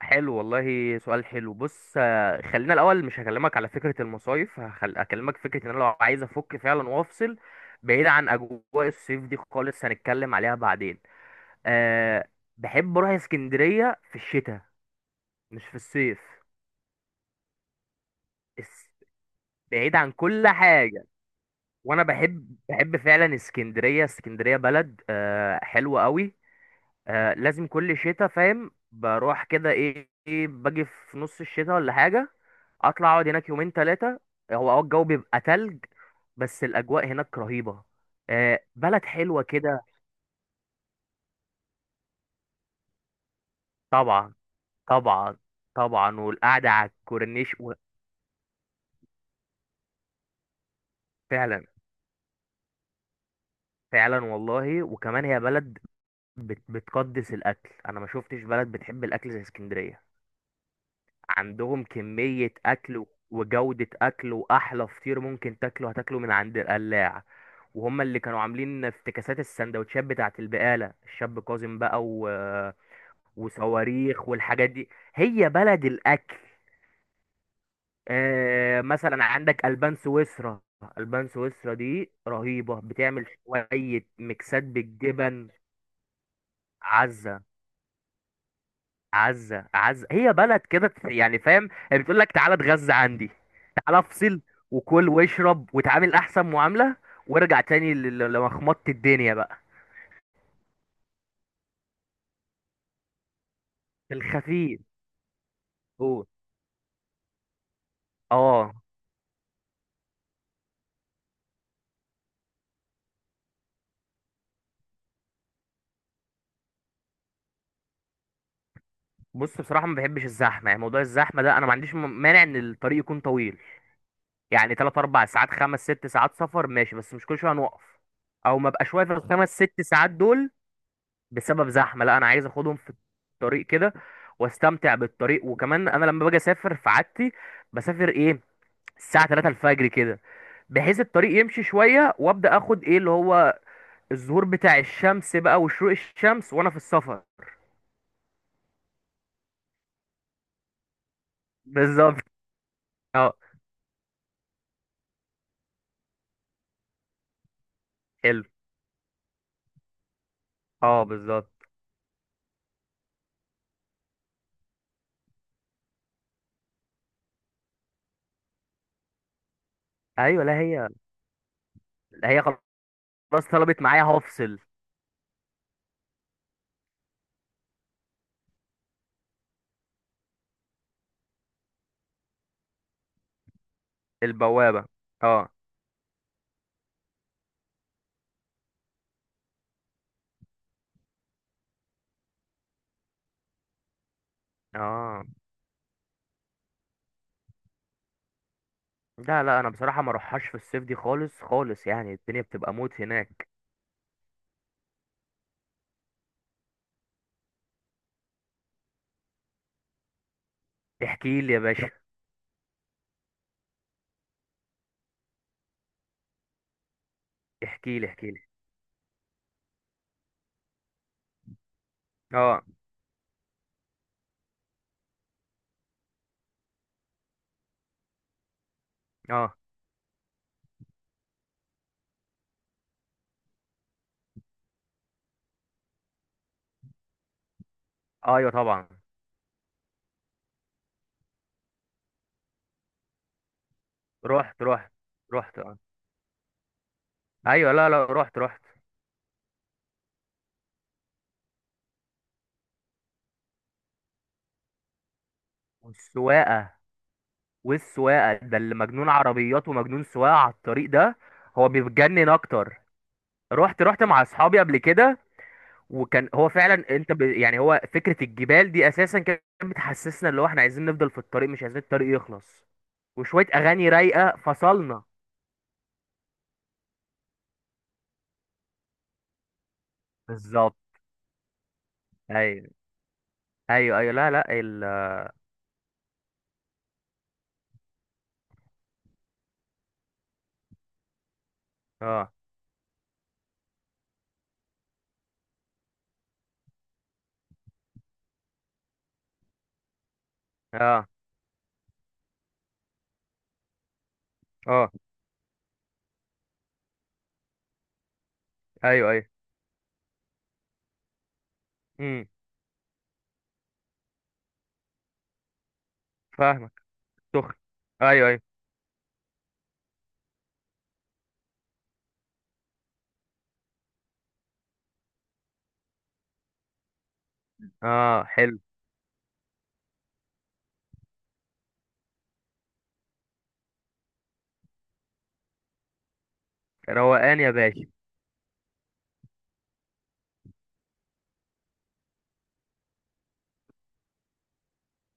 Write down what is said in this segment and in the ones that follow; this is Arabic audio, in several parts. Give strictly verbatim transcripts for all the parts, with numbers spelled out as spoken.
حلو والله، سؤال حلو. بص، آه، خلينا الاول. مش هكلمك على فكره المصايف. هخل... هكلمك فكره ان انا لو عايز افك فعلا وافصل بعيد عن اجواء الصيف دي خالص. هنتكلم عليها بعدين. أه. بحب اروح اسكندريه في الشتاء، مش في الصيف. الس- بعيد عن كل حاجه. وانا بحب بحب فعلا اسكندريه، اسكندريه بلد أه حلوه قوي. آه لازم كل شتاء فاهم بروح كده ايه إيه، باجي في نص الشتاء ولا حاجة. اطلع اقعد هناك يومين ثلاثة. هو اه الجو بيبقى تلج، بس الاجواء هناك رهيبة. آه، بلد حلوة كده. طبعا، طبعا، طبعا، والقعدة على الكورنيش و- فعلا، فعلا والله. وكمان هي بلد بت بتقدس الاكل. انا ما شفتش بلد بتحب الاكل زي اسكندرية. عندهم كمية أكل و- وجودة أكل، وأحلى فطير ممكن تاكله هتاكله من عند القلاع. وهم اللي كانوا عاملين افتكاسات السندوتشات بتاعة البقالة الشاب كاظم بقى و... وصواريخ والحاجات دي. هي بلد الأكل. آه مثلا عندك ألبان سويسرا، ألبان سويسرا دي رهيبة، بتعمل شوية ميكسات بالجبن. عزة، عزة، عزة هي بلد كده. تت- يعني فاهم، هي بتقول لك تعالى اتغذى عندي، تعالى افصل، وكل واشرب وتعامل احسن معاملة، وارجع تاني ل- ل- لمخمطة الدنيا بقى. في الخفيف. قول. اه، بص بصراحة ما بحبش الزحمة. يعني موضوع الزحمة ده، انا ما عنديش م- مانع ان الطريق يكون طويل. يعني تلات اربعة ساعات، خمس ست ساعات سفر ماشي، بس مش كل شوية هنوقف او ما بقاش واقف الخمس ست ساعات دول بسبب زحمه. لا، انا عايز اخدهم في الطريق كده واستمتع بالطريق. وكمان انا لما باجي اسافر، في عادتي بسافر ايه الساعه ثلاثة الفجر كده، بحيث الطريق يمشي شويه وابدا اخد ايه اللي هو الظهور بتاع الشمس بقى، وشروق الشمس وانا في السفر. بالظبط. اه، حلو. اه، بالظبط. ايوه، لا هي. لا هي، خلاص طلبت معايا هفصل. البوابه. اه، اه. لا، لا، انا بصراحه ما اروحهاش في الصيف دي خالص خالص. يعني الدنيا بتبقى موت هناك. احكي لي يا باشا. احكي لي، احكي. اه، اه. ايوه، طبعا. رحت، رحت، رحت. اه. ايوه، لا لا، رحت، رحت. والسواقه. والسواقه ده اللي مجنون عربيات، ومجنون سواقه على الطريق ده. هو بيتجنن اكتر. رحت، رحت مع اصحابي قبل كده. وكان هو فعلا انت ب... يعني هو فكره الجبال دي اساسا كانت بتحسسنا اللي هو احنا عايزين نفضل في الطريق، مش عايزين الطريق يخلص. وشويه اغاني رايقه فصلنا. بالظبط. ايوه. ايوه، ايوه، لا لا، ال... اه، اه، اه. ايوه، ايوه. امم. فاهمك. سخن. ايوه، ايوه. اه، حلو. روقان يا باشا.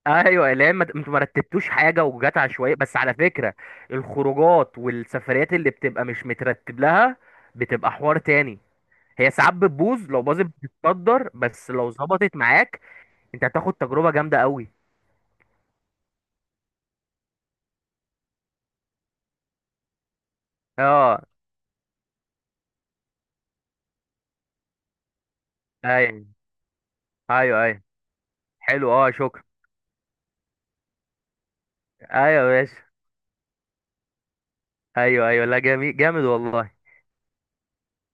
ايوه، اللي هي ما انتوا ما رتبتوش حاجه وجات عشوائيه، بس على فكره الخروجات والسفريات اللي بتبقى مش مترتب لها بتبقى حوار تاني. هي ساعات بتبوظ، لو باظت بتتصدر، بس لو ظبطت معاك انت هتاخد تجربه جامده قوي. اه، ايوه، ايوه، ايوه، حلو، اه، شكرا. ايوه يا باشا. ايوه، ايوه، لا، جميل جامد والله.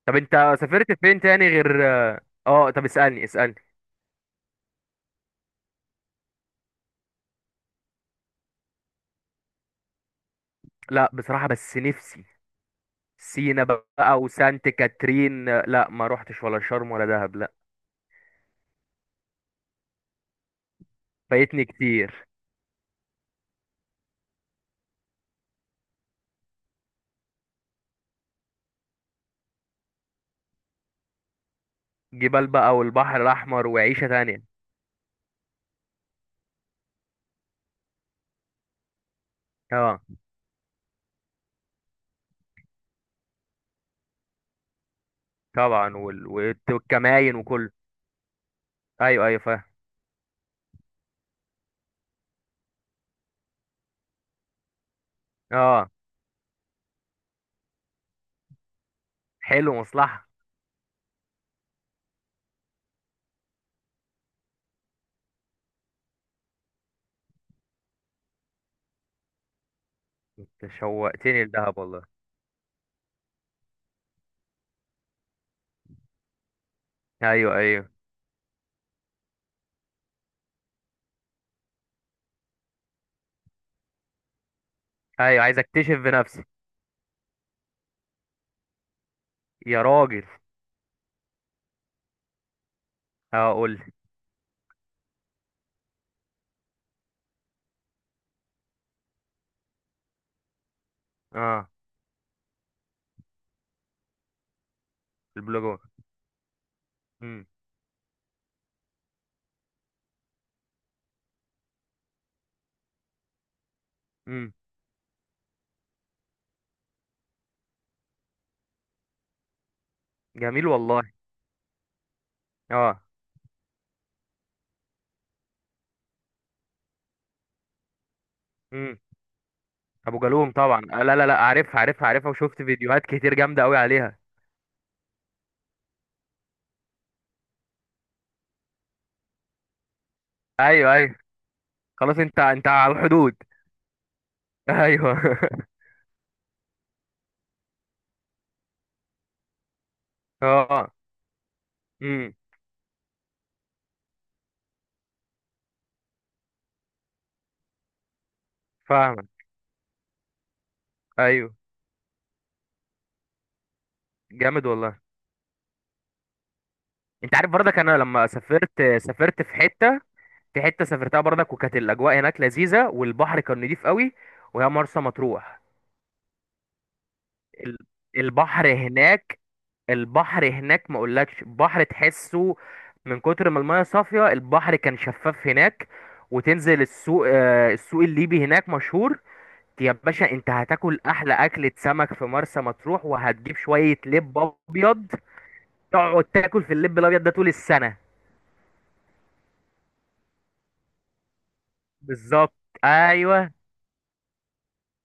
طب انت سافرت فين تاني غير اه آه، طب اسالني، اسالني. لا بصراحه، بس نفسي سينا بقى وسانت كاترين. لا، ما روحتش ولا شرم ولا دهب، لا. فايتني كتير. جبال بقى، والبحر الاحمر، وعيشه تانية. اه، طبعا وال... والت- والكماين وكل. ايوه، ايوه، فاهم. اه، حلو، مصلحه. أنت شوقتني لدهب والله. ايوه، ايوه، ايوه، عايز اكتشف بنفسي. يا راجل. اه، قول لي. اه، البلو جول. امم. امم. جميل والله. اه. امم ابو جالوم طبعا. آه، لا، لا، لا، عارفها، عارفها، عارفها، وشفت فيديوهات كتير جامده قوي عليها. ايوه، ايوه. خلاص، انت انت على الحدود. ايوه اه. امم فاهمك. ايوه، جامد والله. انت عارف برضك انا لما سافرت، سافرت في حته، في حته سافرتها برضك، وكانت الاجواء هناك لذيذه، والبحر كان نضيف قوي، وهي مرسى مطروح. ال- البحر هناك، البحر هناك ما اقولكش بحر تحسه. من كتر ما المايه صافيه، البحر كان شفاف هناك. وتنزل السوق، آه، السوق الليبي هناك مشهور. يا باشا انت هتاكل احلى اكلة سمك في مرسى مطروح، وهتجيب شوية لب ابيض تقعد تاكل في اللب الابيض ده طول السنة. بالظبط. ايوه.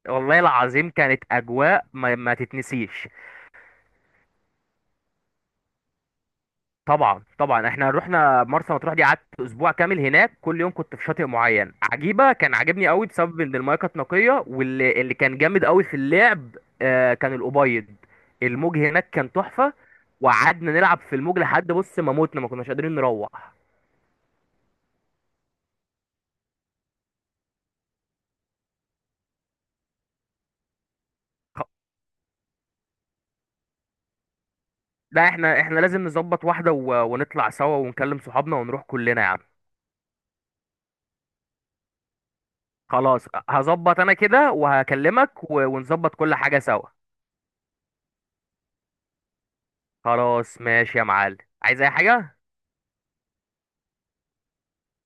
والله العظيم، كانت اجواء ما, ما تتنسيش. طبعا، طبعا، احنا رحنا مرسى مطروح دي، قعدت اسبوع كامل هناك. كل يوم كنت في شاطئ معين. عجيبة كان عاجبني قوي بسبب ان المايه كانت نقية، واللي اللي كان جامد قوي في اللعب آه كان الابيض. الموج هناك كان تحفة، وقعدنا نلعب في الموج لحد بص، ما موتنا، ما كناش قادرين نروح. لا، احنا احنا لازم نظبط واحدة و... ونطلع سوا، ونكلم صحابنا، ونروح كلنا يا عم. خلاص، هظبط انا كده، وهكلمك و... ونظبط كل حاجة سوا. خلاص، ماشي يا معلم. عايز اي حاجة.